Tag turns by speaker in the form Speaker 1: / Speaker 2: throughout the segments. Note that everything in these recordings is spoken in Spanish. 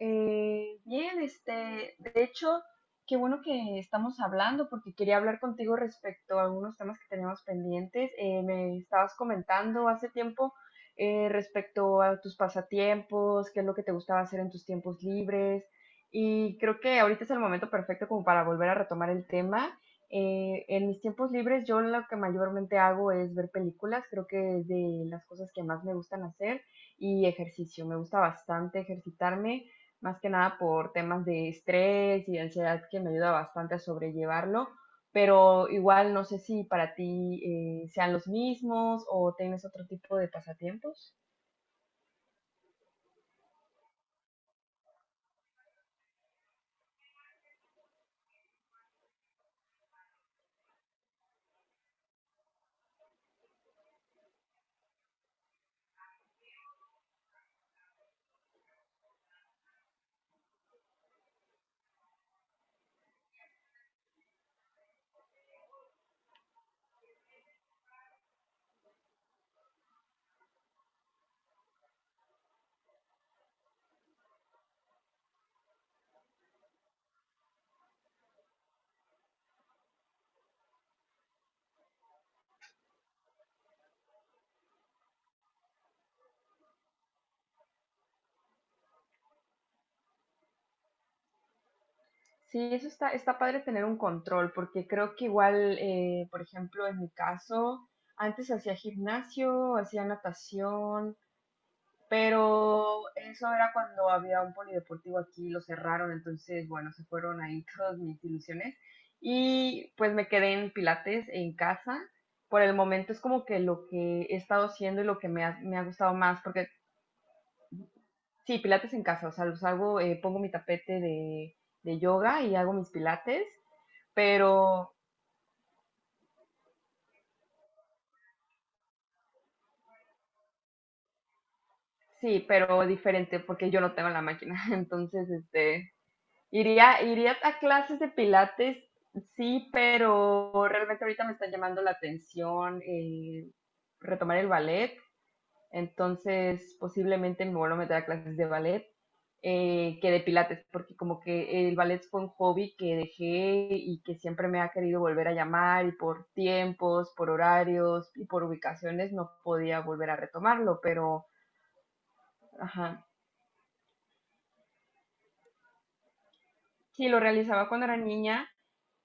Speaker 1: Bien, este, de hecho, qué bueno que estamos hablando porque quería hablar contigo respecto a algunos temas que teníamos pendientes. Me estabas comentando hace tiempo respecto a tus pasatiempos, qué es lo que te gustaba hacer en tus tiempos libres y creo que ahorita es el momento perfecto como para volver a retomar el tema. En mis tiempos libres yo lo que mayormente hago es ver películas, creo que es de las cosas que más me gustan hacer y ejercicio. Me gusta bastante ejercitarme más que nada por temas de estrés y ansiedad que me ayuda bastante a sobrellevarlo, pero igual no sé si para ti sean los mismos o tienes otro tipo de pasatiempos. Sí, eso está padre tener un control, porque creo que igual, por ejemplo, en mi caso, antes hacía gimnasio, hacía natación, pero eso era cuando había un polideportivo aquí, lo cerraron, entonces, bueno, se fueron ahí todas mis ilusiones. Y pues me quedé en Pilates en casa. Por el momento es como que lo que he estado haciendo y lo que me ha gustado más, porque sí, Pilates en casa, o sea, los hago, pongo mi tapete de yoga y hago mis Pilates, pero sí, pero diferente, porque yo no tengo la máquina, entonces, este, iría a clases de pilates, sí, pero realmente ahorita me está llamando la atención, retomar el ballet, entonces posiblemente me vuelvo a meter a clases de ballet que de pilates, porque como que el ballet fue un hobby que dejé y que siempre me ha querido volver a llamar y por tiempos, por horarios y por ubicaciones no podía volver a retomarlo, pero ajá, sí lo realizaba cuando era niña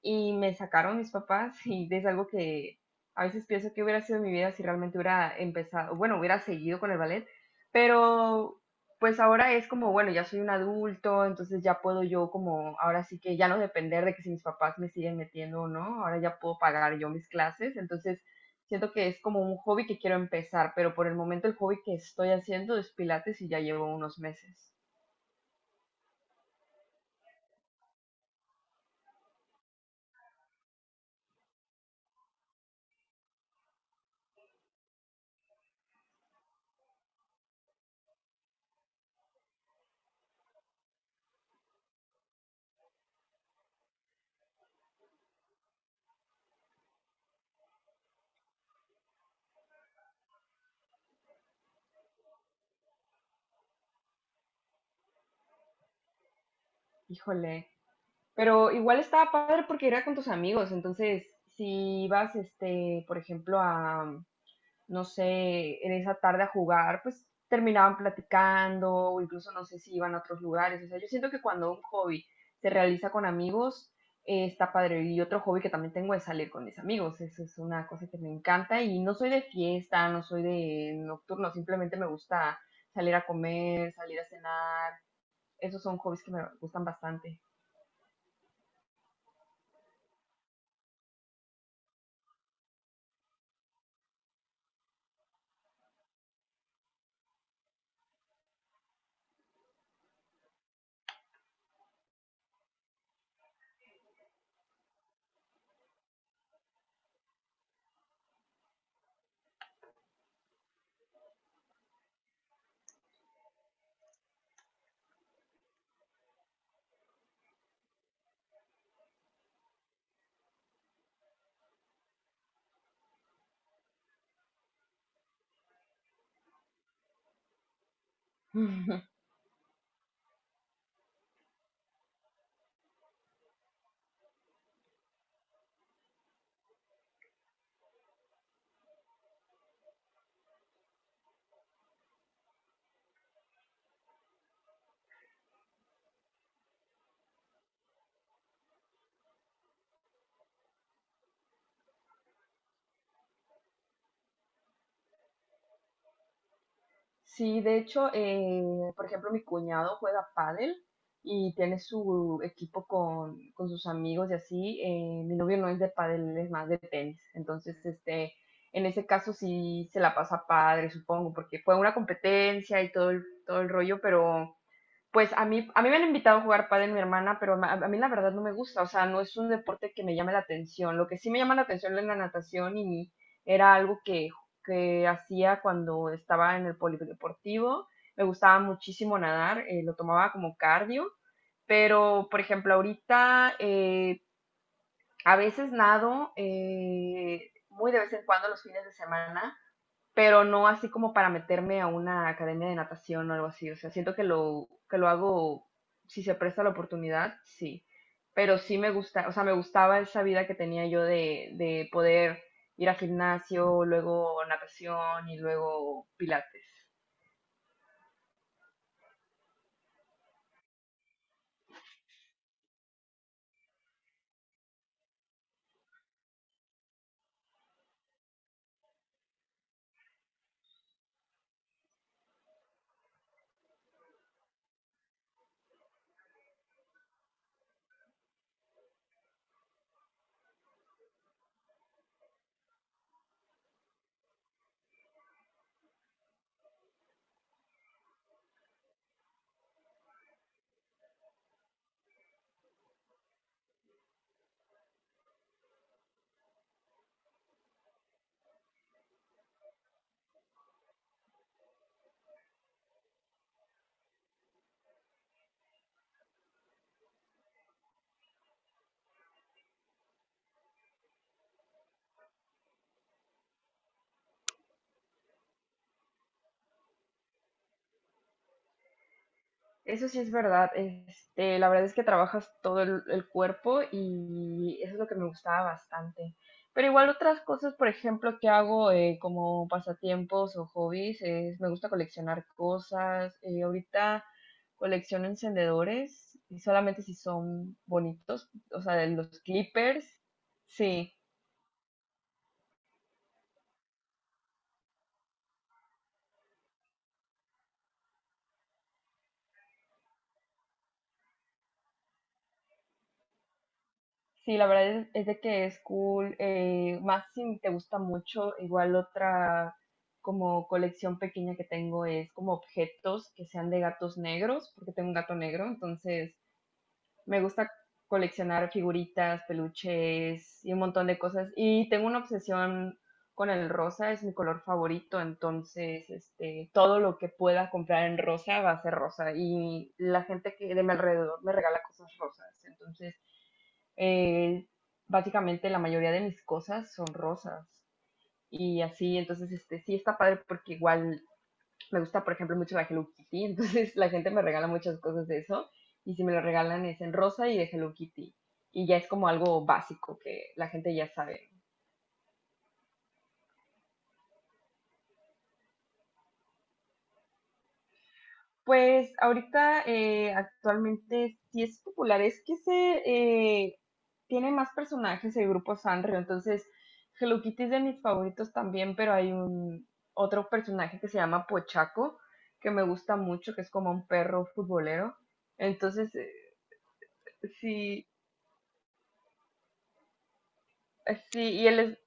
Speaker 1: y me sacaron mis papás y es algo que a veces pienso que hubiera sido mi vida si realmente hubiera empezado, bueno, hubiera seguido con el ballet, pero pues ahora es como, bueno, ya soy un adulto, entonces ya puedo yo como, ahora sí que ya no depender de que si mis papás me siguen metiendo o no, ahora ya puedo pagar yo mis clases, entonces siento que es como un hobby que quiero empezar, pero por el momento el hobby que estoy haciendo es pilates y ya llevo unos meses. Híjole, pero igual estaba padre porque era con tus amigos, entonces si ibas, este, por ejemplo, a, no sé, en esa tarde a jugar, pues terminaban platicando o incluso no sé si iban a otros lugares. O sea, yo siento que cuando un hobby se realiza con amigos, está padre. Y otro hobby que también tengo es salir con mis amigos. Eso es una cosa que me encanta y no soy de fiesta, no soy de nocturno, simplemente me gusta salir a comer, salir a cenar. Esos son hobbies que me gustan bastante. Sí, de hecho, por ejemplo, mi cuñado juega pádel y tiene su equipo con sus amigos y así. Eh, mi novio no es de pádel, él es más de tenis. Entonces, este, en ese caso sí se la pasa padre, supongo, porque fue una competencia y todo el rollo, pero pues a a mí me han invitado a jugar pádel mi hermana, pero a mí la verdad no me gusta, o sea, no es un deporte que me llame la atención. Lo que sí me llama la atención es la natación y era algo que hacía cuando estaba en el polideportivo. Me gustaba muchísimo nadar, lo tomaba como cardio, pero por ejemplo ahorita a veces nado, muy de vez en cuando los fines de semana, pero no así como para meterme a una academia de natación o algo así. O sea, siento que que lo hago, si se presta la oportunidad, sí. Pero sí me gusta, o sea, me gustaba esa vida que tenía yo de poder ir al gimnasio, luego natación y luego pilates. Eso sí es verdad. Este, la verdad es que trabajas todo el cuerpo y eso es lo que me gustaba bastante. Pero igual otras cosas, por ejemplo, que hago como pasatiempos o hobbies, es, me gusta coleccionar cosas. Eh, ahorita colecciono encendedores y solamente si son bonitos, o sea, de los clippers. Sí, sí, la verdad es de que es cool, más si te gusta mucho, igual otra como colección pequeña que tengo es como objetos que sean de gatos negros, porque tengo un gato negro, entonces me gusta coleccionar figuritas, peluches y un montón de cosas. Y tengo una obsesión con el rosa, es mi color favorito, entonces este, todo lo que pueda comprar en rosa va a ser rosa y la gente que de mi alrededor me regala cosas rosas, entonces eh, básicamente la mayoría de mis cosas son rosas y así, entonces este sí está padre porque igual me gusta, por ejemplo, mucho la Hello Kitty, entonces la gente me regala muchas cosas de eso y si me lo regalan es en rosa y de Hello Kitty y ya es como algo básico que la gente ya sabe. Pues ahorita actualmente sí es popular, es que se eh, tiene más personajes el grupo Sanrio, entonces Hello Kitty es de mis favoritos también, pero hay un otro personaje que se llama Pochaco, que me gusta mucho, que es como un perro futbolero. Entonces, sí, sí, y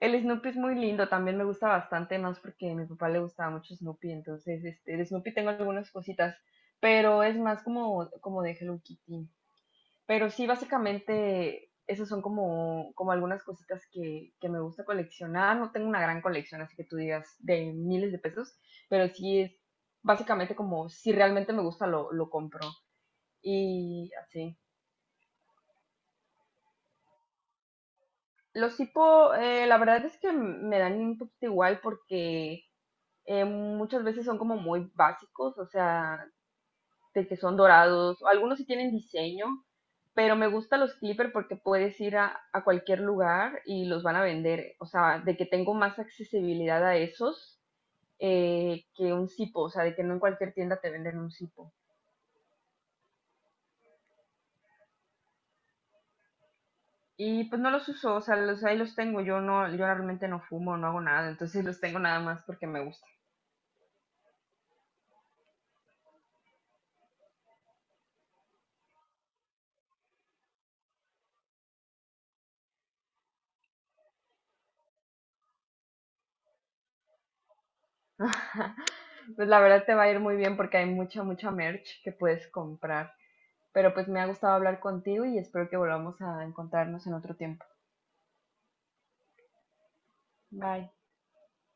Speaker 1: el Snoopy es muy lindo, también me gusta bastante, más porque a mi papá le gustaba mucho Snoopy, entonces este, de Snoopy tengo algunas cositas, pero es más como, como de Hello Kitty. Pero sí, básicamente, esas son como, como algunas cositas que me gusta coleccionar. No tengo una gran colección, así que tú digas de miles de pesos, pero sí es básicamente como si realmente me gusta lo compro. Y así. Los hipo, la verdad es que me dan un poquito igual porque muchas veces son como muy básicos, o sea, de que son dorados, algunos sí tienen diseño, pero me gustan los Clipper porque puedes ir a cualquier lugar y los van a vender, o sea, de que tengo más accesibilidad a esos, que un Zipo, o sea, de que no en cualquier tienda te venden un Zipo. Y pues no los uso, o sea, ahí los tengo, yo realmente no fumo, no hago nada, entonces los tengo nada más porque me gusta. Pues la verdad te va a ir muy bien porque hay mucha merch que puedes comprar. Pero pues me ha gustado hablar contigo y espero que volvamos a encontrarnos en otro tiempo. Bye.